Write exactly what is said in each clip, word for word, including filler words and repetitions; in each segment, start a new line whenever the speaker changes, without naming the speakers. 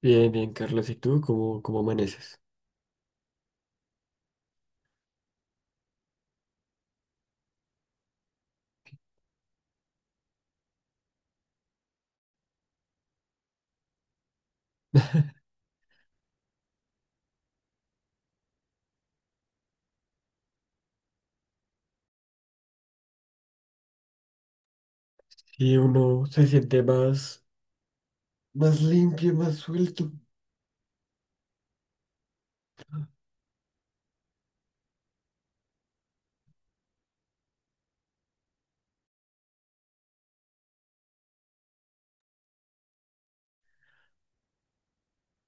Bien, bien, Carlos. ¿Y tú cómo, cómo amaneces? Y uno se siente más, más limpio, más suelto.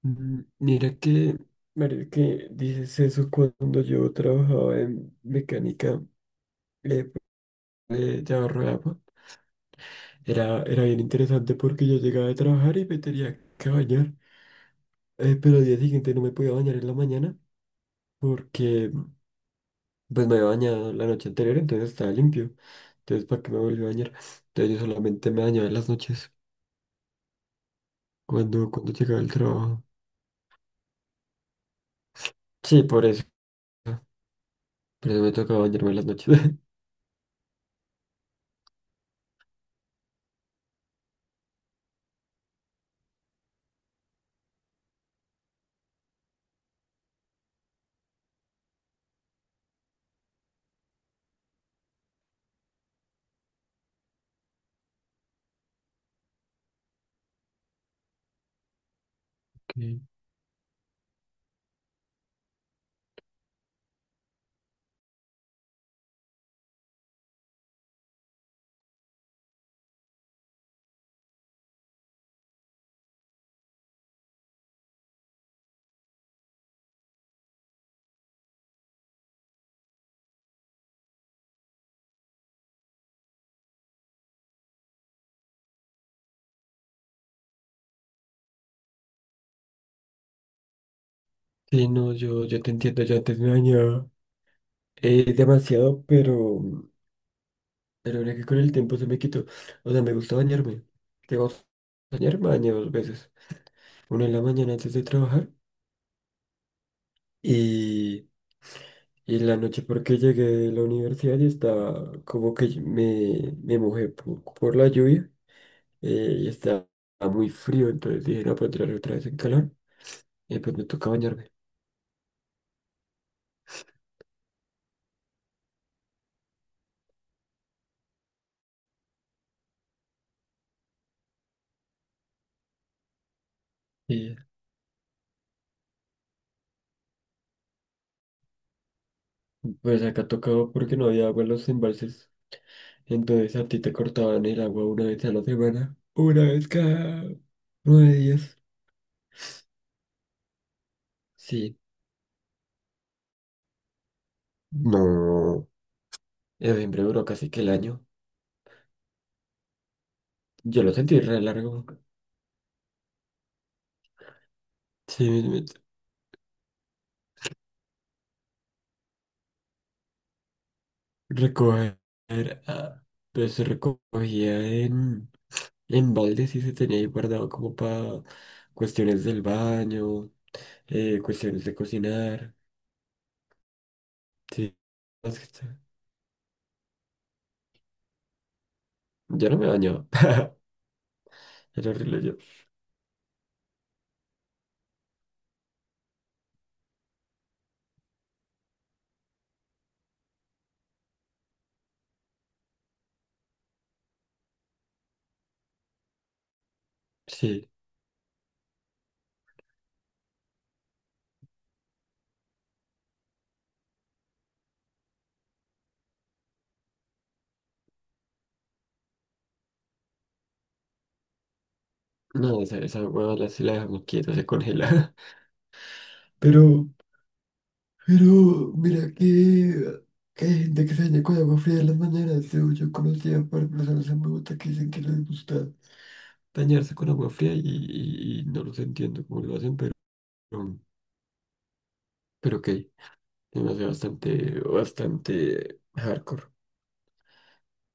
Mm, Mira que, mira que dices eso cuando yo trabajaba en mecánica eh, de llavarro de agua. Era, era bien interesante porque yo llegaba de trabajar y me tenía que bañar. Eh, pero al día siguiente no me podía bañar en la mañana porque pues me había bañado la noche anterior, entonces estaba limpio. Entonces, ¿para qué me volví a bañar? Entonces yo solamente me bañaba en las noches. Cuando, cuando llegaba el trabajo. Sí, por eso. Por eso me tocaba bañarme en las noches. Sí, sí, no, yo, yo te entiendo, yo antes me bañaba eh, demasiado, pero, pero mira que con el tiempo se me quitó. O sea, me gusta bañarme. Tengo que bañarme, me baño dos veces. Una en la mañana antes de trabajar y, y en la noche porque llegué de la universidad y estaba como que me, me mojé por, por la lluvia eh, y estaba muy frío, entonces dije, no, puedo entrar otra vez en calor. Y pues me toca bañarme. Y pues acá tocaba porque no había agua en los embalses. Entonces a ti te cortaban el agua una vez a la semana. Una vez cada nueve días. Sí. No. Eso siempre duró casi que el año. Yo lo sentí re largo. Sí, me- recoger. Ah, pues se recogía en, en baldes y se tenía ahí guardado como para cuestiones del baño, eh, cuestiones de cocinar. Sí. Yo no me baño. Era horrible yo. Sí. No, esa, esa hueva la, si la dejamos quieta se congela. Pero, pero, mira que, que hay gente que se baña con agua fría en las mañanas. Yo, yo conocí a par de personas en Bogotá que dicen que les gusta bañarse con agua fría y, y- y no los entiendo cómo lo hacen, pero, pero ok. Se me hace bastante, bastante hardcore,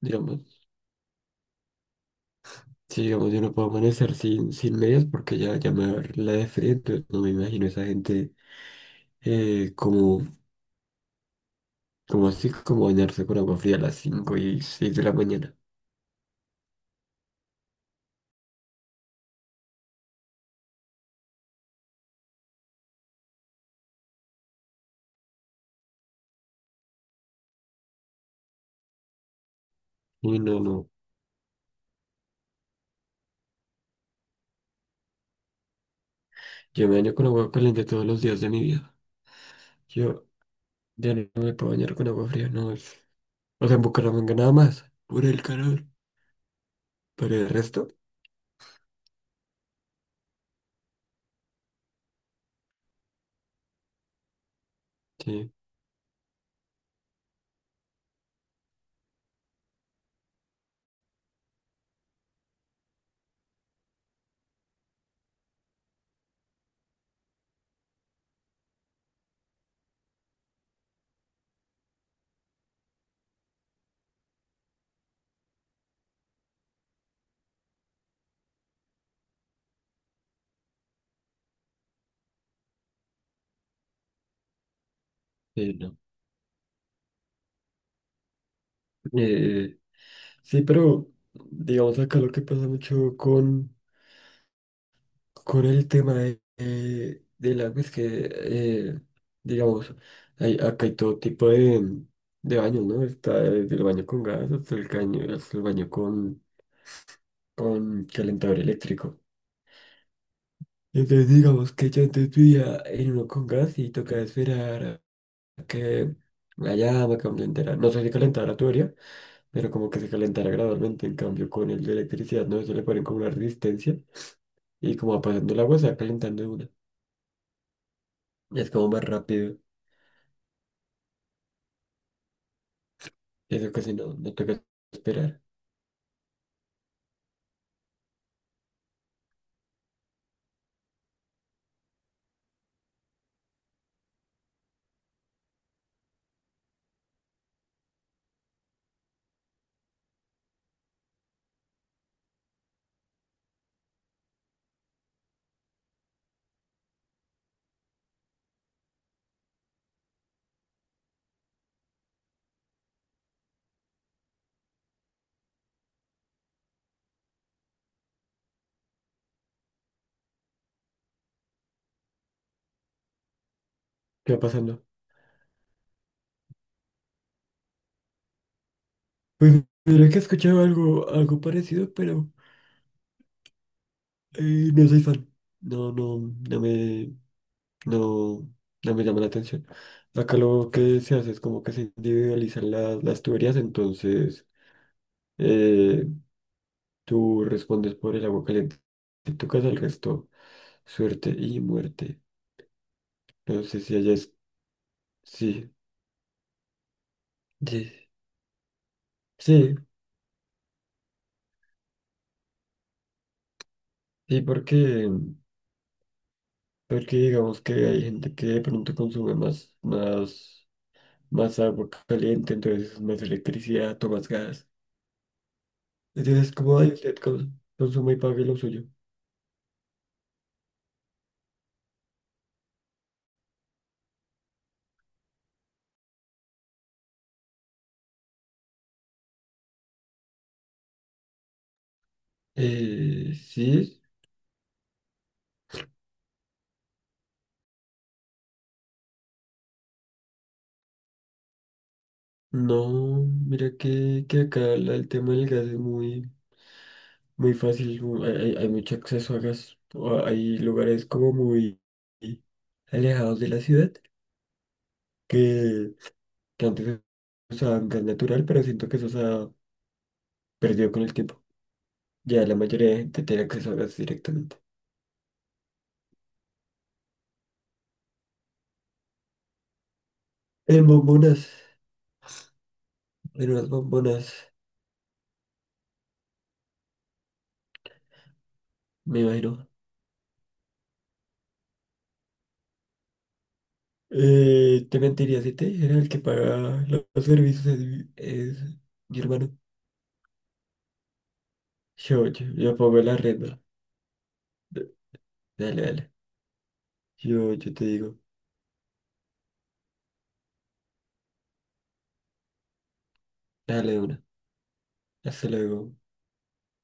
digamos. Sí, digamos, yo no puedo amanecer sin, sin medias porque ya, ya me va a dar la de frío, entonces no me imagino esa gente eh, como, como así, como bañarse con agua fría a las cinco y seis de la mañana. Y no, no, yo me baño con agua caliente todos los días de mi vida. Yo ya no me puedo bañar con agua fría, no es. O sea, en Bucaramanga nada más, por el calor. Pero el resto, sí, sí, no. Eh, sí, pero digamos acá lo que pasa mucho con. con el tema de, eh, del agua, es que, eh, digamos, hay, acá hay todo tipo de, de baños, ¿no? Está desde el baño con gas hasta el caño, hasta el baño con, con calentador eléctrico. Entonces, digamos que yo antes vivía en uno con gas y tocaba esperar a que la llama calentara. No sé si calentara tu área, pero como que se calentara gradualmente. En cambio, con el de electricidad, ¿no? Eso le ponen como una resistencia y como va pasando el agua, se va calentando de una. Es como más rápido. Eso casi no, no toca esperar. ¿Qué va pasando? Pues mira que he escuchado algo, algo parecido, pero eh, no soy fan. No, no, no me, no, no me llama la atención. Acá lo que se hace es como que se individualizan las, las tuberías, entonces eh, tú respondes por el agua caliente. Si tocas el resto, suerte y muerte. No sé si allá es... Sí, sí, sí, sí, porque... Porque digamos que hay gente que de pronto consume más, más, más agua caliente, entonces más electricidad o más gas. Entonces, ¿cómo hay usted cons- consume y pague lo suyo? Eh, sí, no, mira que, que acá la- el tema del gas es muy, muy fácil, mu- hay, hay- hay mucho acceso a gas. O hay lugares como muy alejados de la ciudad que, que antes usaban gas natural, pero siento que eso se ha perdido con el tiempo. Ya la mayoría de gente tiene acceso a gas directamente. En bombonas, en unas bombonas, me imagino. Eh, te mentiría si te dijera el que paga lo- los servicios es, mi es mi hermano. Yo, yo, yo pongo la renta. D- Dale, dale. Yo, yo te digo. Dale una. Hasta luego.